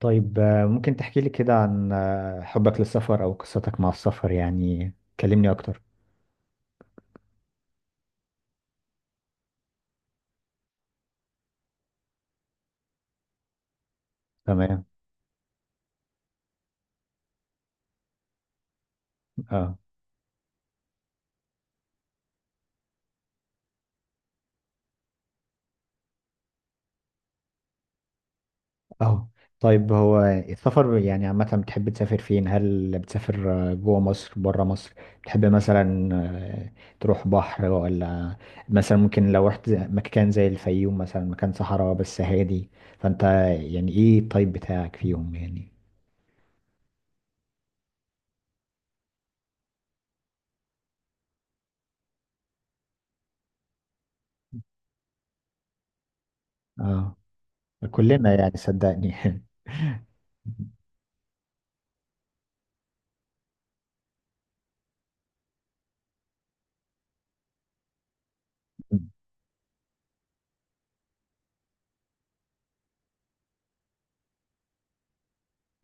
طيب، ممكن تحكي لي كده عن حبك للسفر أو قصتك مع السفر يعني. كلمني أكتر. تمام. اه. اه. طيب، هو السفر يعني عامة بتحب تسافر فين؟ هل بتسافر جوه مصر بره مصر؟ بتحب مثلا تروح بحر، ولا مثلا ممكن لو رحت مكان زي الفيوم مثلا مكان صحراء بس هادي؟ فأنت يعني إيه الطيب بتاعك فيهم يعني؟ اه، كلنا يعني صدقني.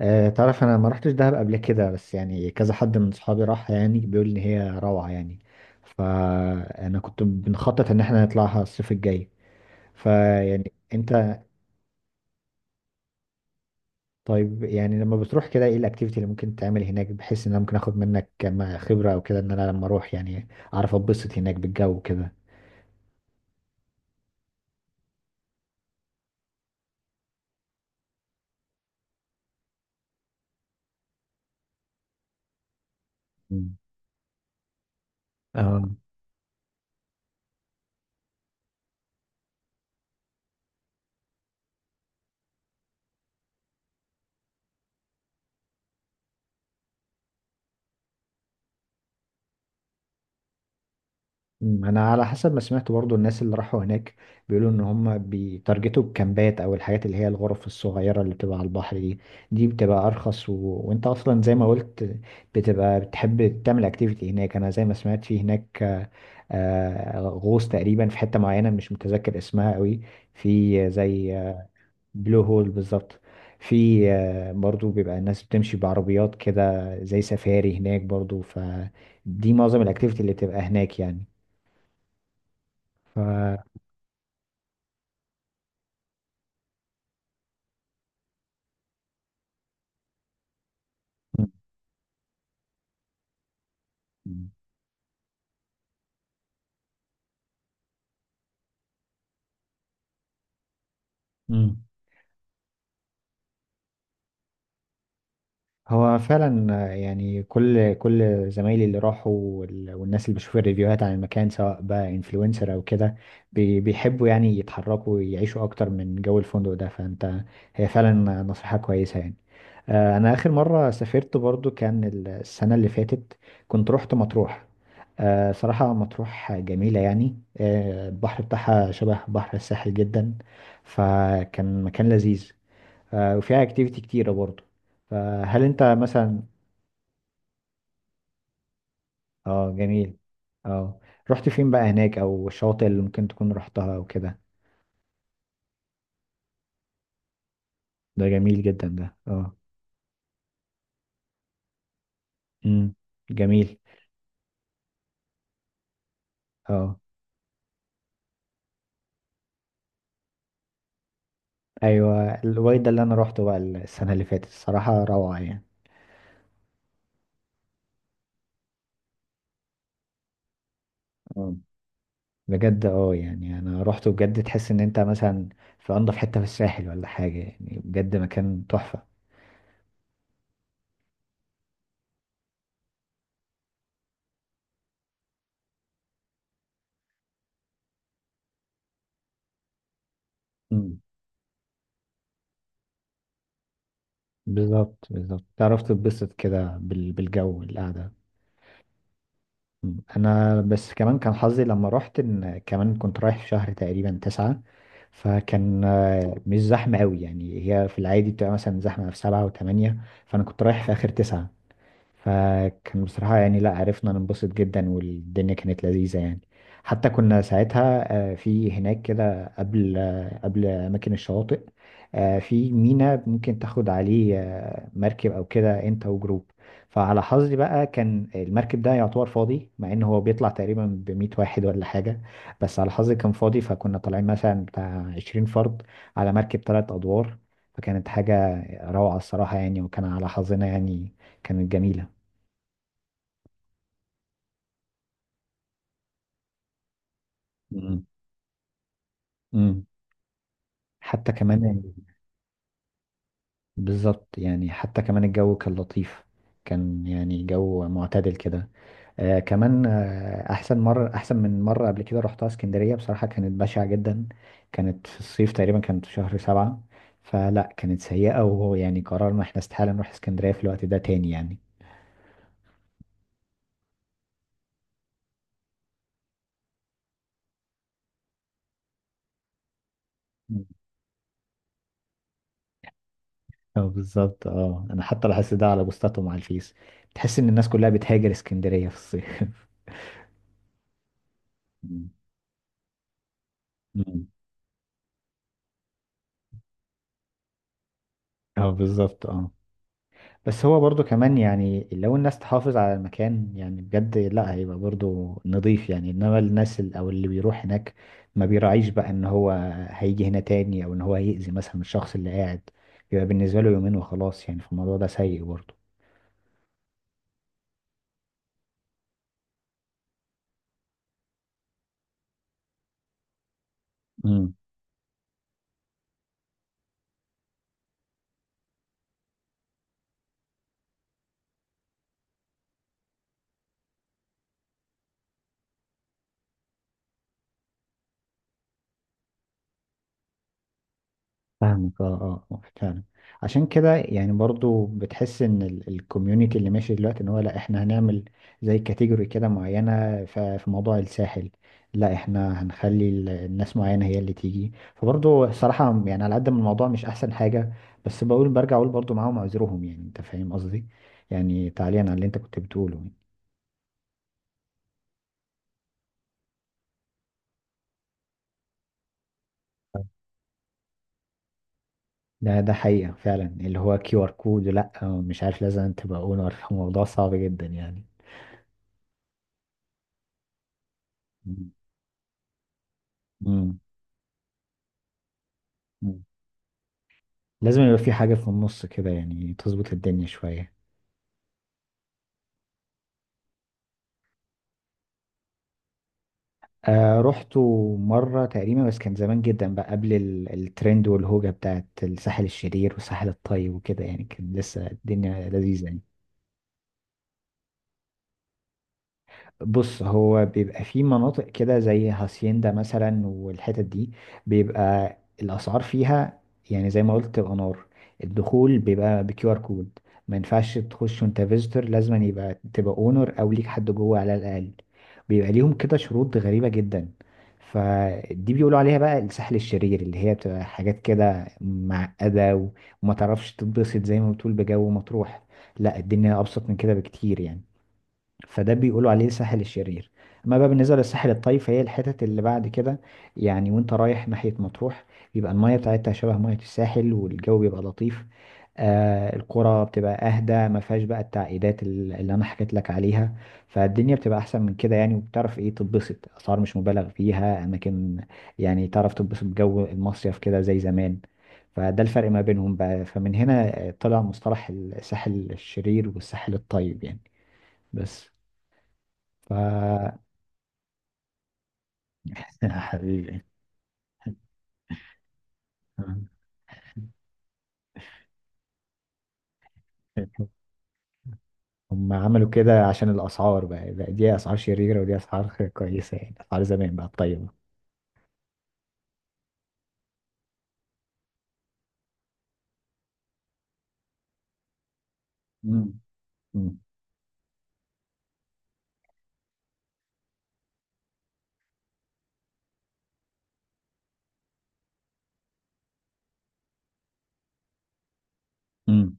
تعرف انا ما رحتش دهب قبل كده، بس يعني كذا حد من صحابي راح يعني بيقول ان هي روعة يعني. فانا كنت بنخطط ان احنا نطلعها الصيف الجاي، فيعني انت... طيب يعني لما بتروح كده ايه الاكتيفيتي اللي ممكن تعمل هناك بحيث ان انا ممكن اخد منك كم خبرة او كده، ان انا لما اروح يعني اعرف اتبسط هناك بالجو كده. مم. اه. مم، انا على حسب ما سمعت برضو الناس اللي راحوا هناك بيقولوا ان هم بيتارجتوا الكامبات او الحاجات اللي هي الغرف الصغيره اللي بتبقى على البحر دي. دي بتبقى ارخص و... وانت اصلا زي ما قلت بتبقى بتحب تعمل اكتيفيتي هناك. انا زي ما سمعت في هناك غوص تقريبا في حته معينه مش متذكر اسمها قوي، في زي... بلو هول بالظبط. في برضو بيبقى الناس بتمشي بعربيات كده زي سفاري هناك برضو، فدي معظم الاكتيفيتي اللي بتبقى هناك يعني. مم. مم. مم. هو فعلا يعني كل زمايلي اللي راحوا والناس اللي بشوف الريفيوهات عن المكان سواء بقى انفلونسر او كده، بيحبوا يعني يتحركوا ويعيشوا اكتر من جو الفندق ده، فانت... هي فعلا نصيحة كويسة يعني. انا اخر مرة سافرت برضو كان السنة اللي فاتت، كنت رحت مطروح. صراحة مطروح جميلة يعني، البحر بتاعها شبه بحر الساحل جدا، فكان مكان لذيذ. وفيها اكتيفيتي كتيرة برضه، فهل انت مثلا... اه جميل. اه، رحت فين بقى هناك او الشواطئ اللي ممكن تكون رحتها او كده؟ ده جميل جدا ده، اه. امم، جميل. اه، ايوه الوايد ده اللي انا روحته بقى السنة اللي فاتت، الصراحة روعة يعني. اه، بجد، اه يعني انا روحته بجد، تحس ان انت مثلا في انضف حتة في الساحل ولا حاجة، يعني بجد مكان تحفة. امم، بالظبط بالظبط، تعرف تتبسط كده بالجو القعدة. انا بس كمان كان حظي لما رحت ان كمان كنت رايح في شهر تقريبا تسعة، فكان مش زحمة قوي، يعني هي في العادي بتبقى مثلا زحمة في سبعة وثمانية، فانا كنت رايح في اخر تسعة، فكان بصراحة يعني لا عرفنا ننبسط جدا والدنيا كانت لذيذة يعني. حتى كنا ساعتها في هناك كده قبل قبل أماكن الشواطئ، في ميناء ممكن تاخد عليه مركب أو كده أنت وجروب. فعلى حظي بقى كان المركب ده يعتبر فاضي مع إن هو بيطلع تقريبا بمية واحد ولا حاجة، بس على حظي كان فاضي، فكنا طالعين مثلا بتاع عشرين فرد على مركب تلات أدوار، فكانت حاجة روعة الصراحة يعني، وكان على حظنا يعني، كانت جميلة. مم. مم. حتى كمان... بالظبط، يعني حتى كمان الجو كان لطيف، كان يعني جو معتدل كده. آه كمان، آه احسن مرة، احسن من مرة قبل كده رحتها اسكندرية، بصراحة كانت بشعة جدا، كانت في الصيف تقريبا كانت في شهر سبعة، فلا كانت سيئة، وهو يعني قررنا احنا استحالة نروح اسكندرية في الوقت ده تاني يعني. مم. اه بالظبط، اه انا حتى لاحظت ده على بوستاتهم على الفيس، تحس ان الناس كلها بتهاجر اسكندرية في الصيف. مم. مم. اه بالظبط، اه. بس هو برضو كمان يعني لو الناس تحافظ على المكان يعني بجد، لا هيبقى برضو نظيف يعني، انما الناس او اللي بيروح هناك ما بيراعيش بقى ان هو هيجي هنا تاني او ان هو هيأذي مثلا الشخص اللي قاعد، بيبقى بالنسبة له يومين وخلاص يعني، فالموضوع ده سيء برضو. فاهمك، اه اه فعلا. عشان كده يعني برضو بتحس ان الكوميونتي اللي ماشي دلوقتي ان هو لا احنا هنعمل زي كاتيجوري كده معينة في موضوع الساحل، لا احنا هنخلي الناس معينة هي اللي تيجي، فبرضو صراحة يعني على قد ما الموضوع مش احسن حاجة، بس بقول برجع اقول برضو معاهم عذرهم يعني انت فاهم قصدي، يعني تعليقا على اللي انت كنت بتقوله يعني. ده حقيقة فعلا اللي هو كيو ار كود، لا مش عارف لازم تبقى اونر، موضوع صعب جدا يعني. مم. مم. لازم يبقى في حاجة في النص كده يعني تظبط الدنيا شوية. آه رحت مرة تقريبا، بس كان زمان جدا بقى قبل الترند والهوجة بتاعت الساحل الشرير والساحل الطيب وكده، يعني كان لسه الدنيا لذيذة يعني. بص هو بيبقى في مناطق كده زي هاسيندا مثلا والحتت دي، بيبقى الأسعار فيها يعني زي ما قلت تبقى نار. الدخول بيبقى بكيو ار كود، ما ينفعش تخش وانت فيزيتور، لازم يبقى تبقى اونر او ليك حد جوه على الأقل، بيبقى ليهم كده شروط غريبة جدا. فدي بيقولوا عليها بقى الساحل الشرير، اللي هي بتبقى حاجات كده معقدة وما تعرفش تتبسط زي ما بتقول بجو مطروح، لا الدنيا أبسط من كده بكتير يعني، فده بيقولوا عليه الساحل الشرير. اما بقى بالنسبه للساحل الطيب فهي الحتت اللي بعد كده، يعني وانت رايح ناحيه مطروح بيبقى المايه بتاعتها شبه ميه الساحل والجو بيبقى لطيف. آه القرى بتبقى اهدى، ما فيهاش بقى التعقيدات اللي انا حكيت لك عليها، فالدنيا بتبقى احسن من كده يعني، وبتعرف ايه تتبسط، اسعار مش مبالغ فيها، اماكن يعني تعرف تتبسط بجو المصيف كده زي زمان. فده الفرق ما بينهم بقى، فمن هنا طلع مصطلح الساحل الشرير والساحل الطيب يعني، بس. ف يا حبيبي. هم عملوا كده عشان الأسعار بقى دي أسعار شريرة ودي أسعار كويسة، يعني أسعار زمان بقى الطيبة. مم. مم. مم.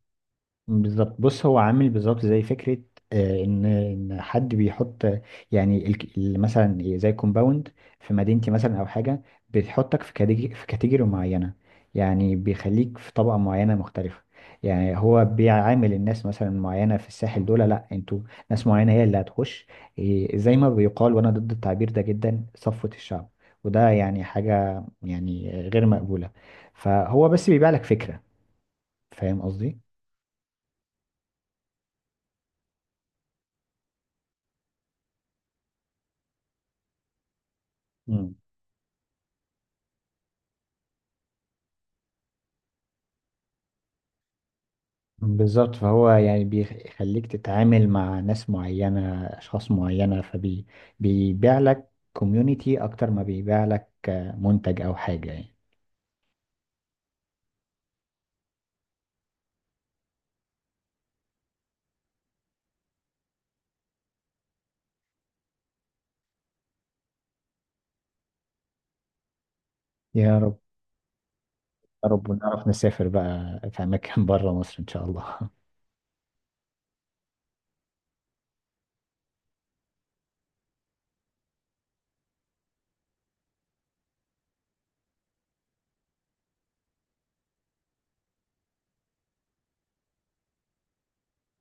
بالظبط، بص هو عامل بالظبط زي فكرة إن حد بيحط يعني مثلا زي كومباوند في مدينتي مثلا أو حاجة، بتحطك في كاتيجوري معينة، يعني بيخليك في طبقة معينة مختلفة، يعني هو بيعامل الناس مثلا معينة في الساحل دول، لأ أنتوا ناس معينة هي اللي هتخش، إيه، زي ما بيقال وأنا ضد التعبير ده جدا، صفوة الشعب، وده يعني حاجة يعني غير مقبولة، فهو بس بيبيع لك فكرة، فاهم قصدي؟ بالظبط، فهو يعني بيخليك تتعامل مع ناس معينة أشخاص معينة، فبيبيع لك كوميونيتي أكتر ما بيبيع لك منتج أو حاجة يعني. يا رب. يا رب، ونعرف نسافر بقى في أماكن بره مصر إن شاء الله.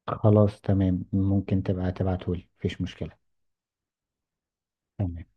خلاص تمام، ممكن تبقى تبعتهولي مفيش مشكلة. تمام.